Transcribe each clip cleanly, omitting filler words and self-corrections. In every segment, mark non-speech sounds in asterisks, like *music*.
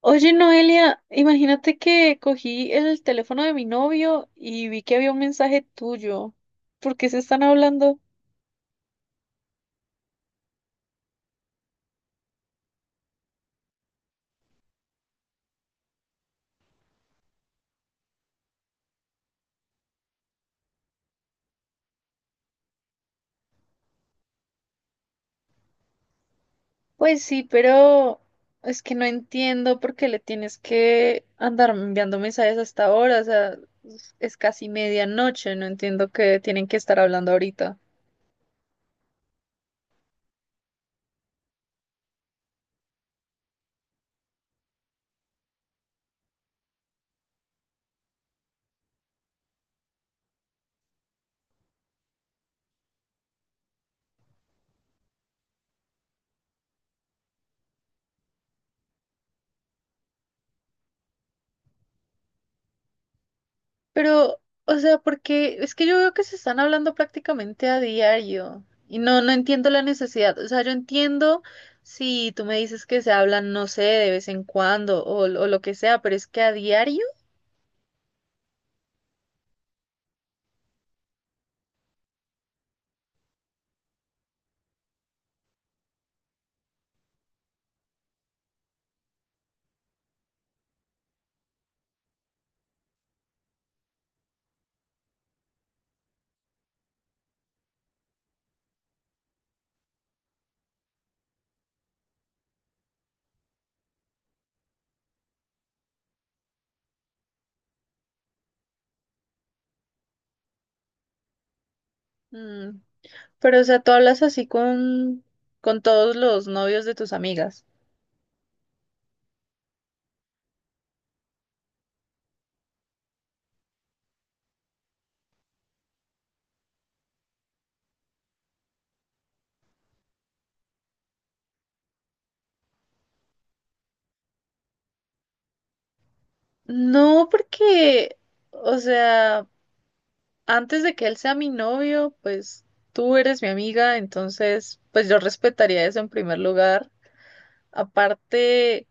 Oye, Noelia, imagínate que cogí el teléfono de mi novio y vi que había un mensaje tuyo. ¿Por qué se están hablando? Pues sí, pero es que no entiendo por qué le tienes que andar enviando mensajes hasta ahora. O sea, es casi medianoche, no entiendo que tienen que estar hablando ahorita. Pero, o sea, porque es que yo veo que se están hablando prácticamente a diario y no entiendo la necesidad. O sea, yo entiendo si tú me dices que se hablan, no sé, de vez en cuando o lo que sea, pero es que a diario. Mm. Pero, o sea, tú hablas así con todos los novios de tus amigas. No, porque, o sea, antes de que él sea mi novio, pues tú eres mi amiga, entonces, pues yo respetaría eso en primer lugar. Aparte,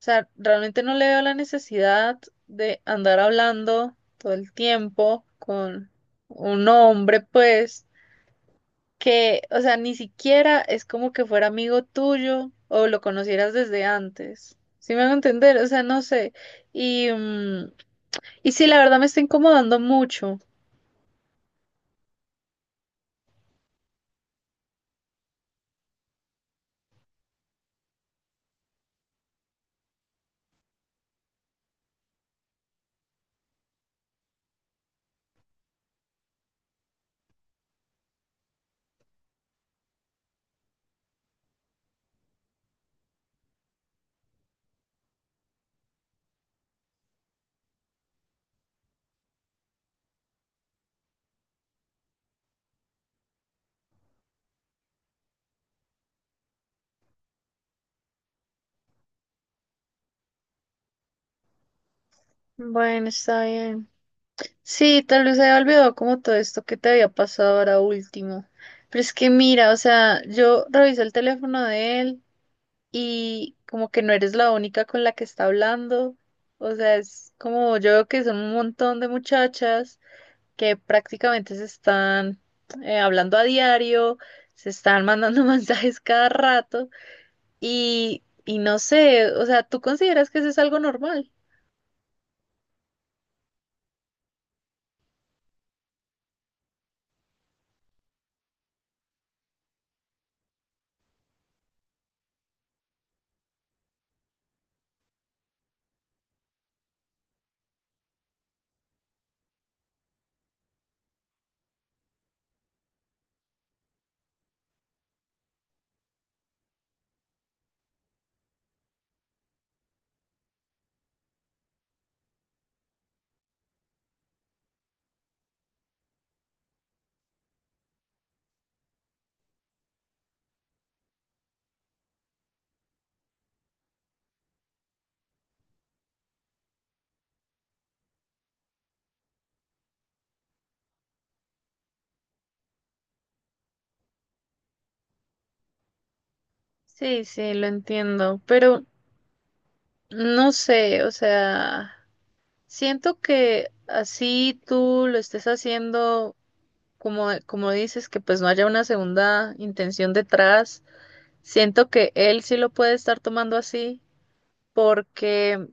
o sea, realmente no le veo la necesidad de andar hablando todo el tiempo con un hombre, pues, que, o sea, ni siquiera es como que fuera amigo tuyo o lo conocieras desde antes. ¿Sí me hago entender? O sea, no sé. Y, mm, y sí, la verdad me está incomodando mucho. Bueno, está bien. Sí, tal vez se había olvidado como todo esto que te había pasado ahora último. Pero es que mira, o sea, yo revisé el teléfono de él y como que no eres la única con la que está hablando. O sea, es como yo veo que son un montón de muchachas que prácticamente se están hablando a diario, se están mandando *laughs* mensajes cada rato y no sé, o sea, ¿tú consideras que eso es algo normal? Sí, sí, lo entiendo, pero no sé, o sea. Siento que así tú lo estés haciendo, como, como dices, que pues no haya una segunda intención detrás. Siento que él sí lo puede estar tomando así porque,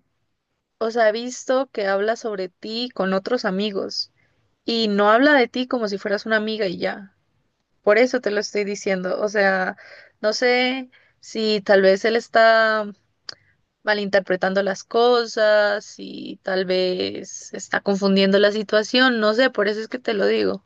o sea, he visto que habla sobre ti con otros amigos y no habla de ti como si fueras una amiga y ya. Por eso te lo estoy diciendo. O sea, no sé si tal vez él está malinterpretando las cosas y tal vez está confundiendo la situación, no sé, por eso es que te lo digo.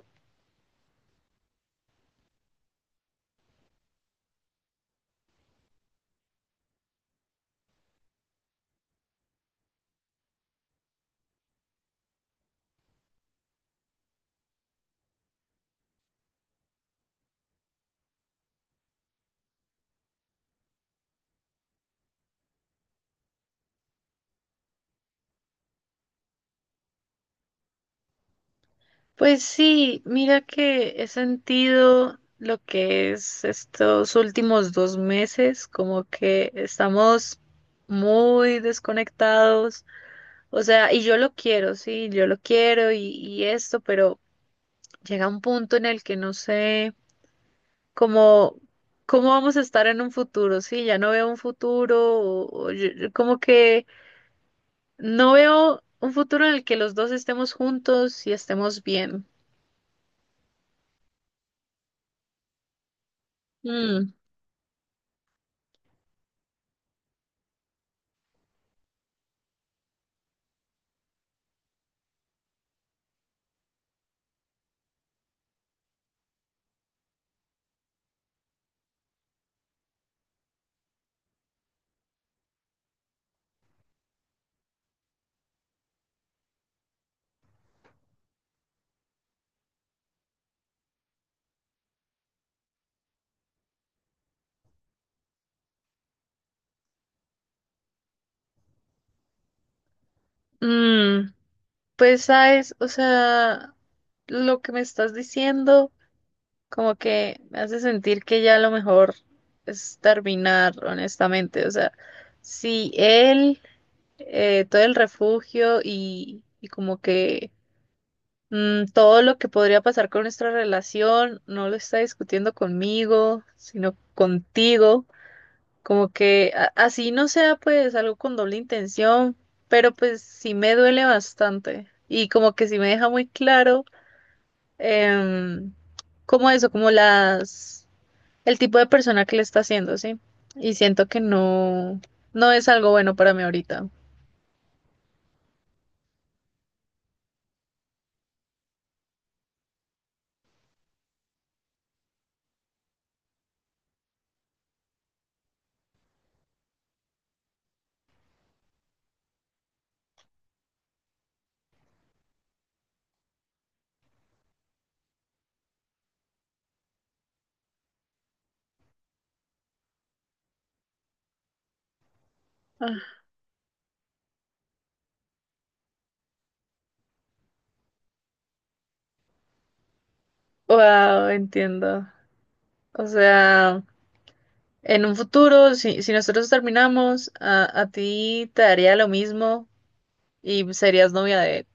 Pues sí, mira que he sentido lo que es estos últimos dos meses, como que estamos muy desconectados, o sea, y yo lo quiero, sí, yo lo quiero y esto, pero llega un punto en el que no sé. Como cómo vamos a estar en un futuro, sí, ya no veo un futuro, yo como que no veo un futuro en el que los dos estemos juntos y estemos bien. Mm. mm, pues sabes, o sea, lo que me estás diciendo como que me hace sentir que ya lo mejor es terminar, honestamente, o sea, si él, todo el refugio y como que, todo lo que podría pasar con nuestra relación no lo está discutiendo conmigo, sino contigo. Como que así no sea pues algo con doble intención, pero pues sí me duele bastante y como que sí me deja muy claro, em, como eso, como las, el tipo de persona que le está haciendo, ¿sí? Y siento que no, no es algo bueno para mí ahorita. Ah, wow, entiendo. O sea. En un futuro, si, si nosotros terminamos, a ti te daría lo mismo y serías novia de él.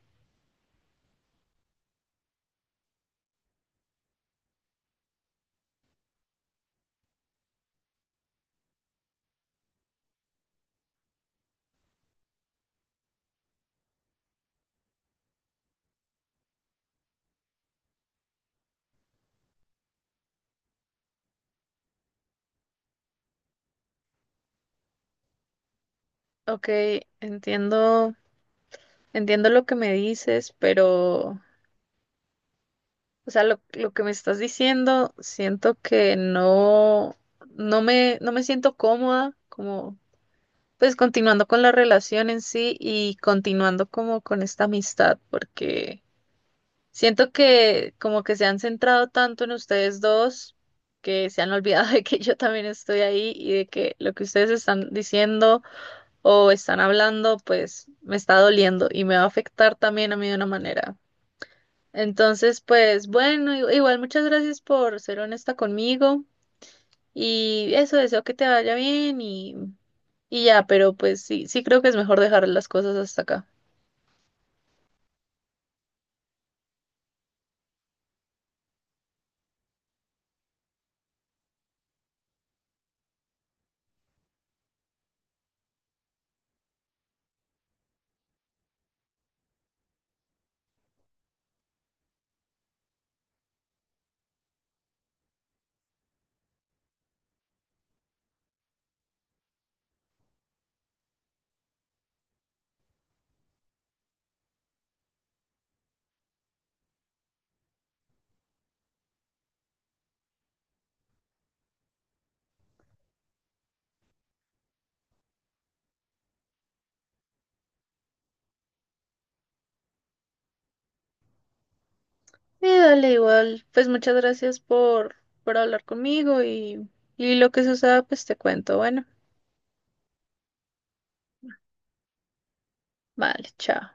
Ok, entiendo, entiendo lo que me dices, pero, o sea, lo que me estás diciendo, siento que no, no me, no me siento cómoda, como, pues continuando con la relación en sí y continuando como con esta amistad, porque siento que como que se han centrado tanto en ustedes dos que se han *laughs* olvidado de que yo también estoy ahí y de que lo que ustedes están diciendo o están hablando pues me está doliendo y me va a afectar también a mí de una manera. Entonces pues bueno, igual muchas gracias por ser honesta conmigo y eso, deseo que te vaya bien y ya, pero pues sí, sí creo que es mejor dejar las cosas hasta acá. Sí, dale igual. Pues muchas gracias por hablar conmigo y lo que suceda, pues te cuento. Bueno, vale, chao.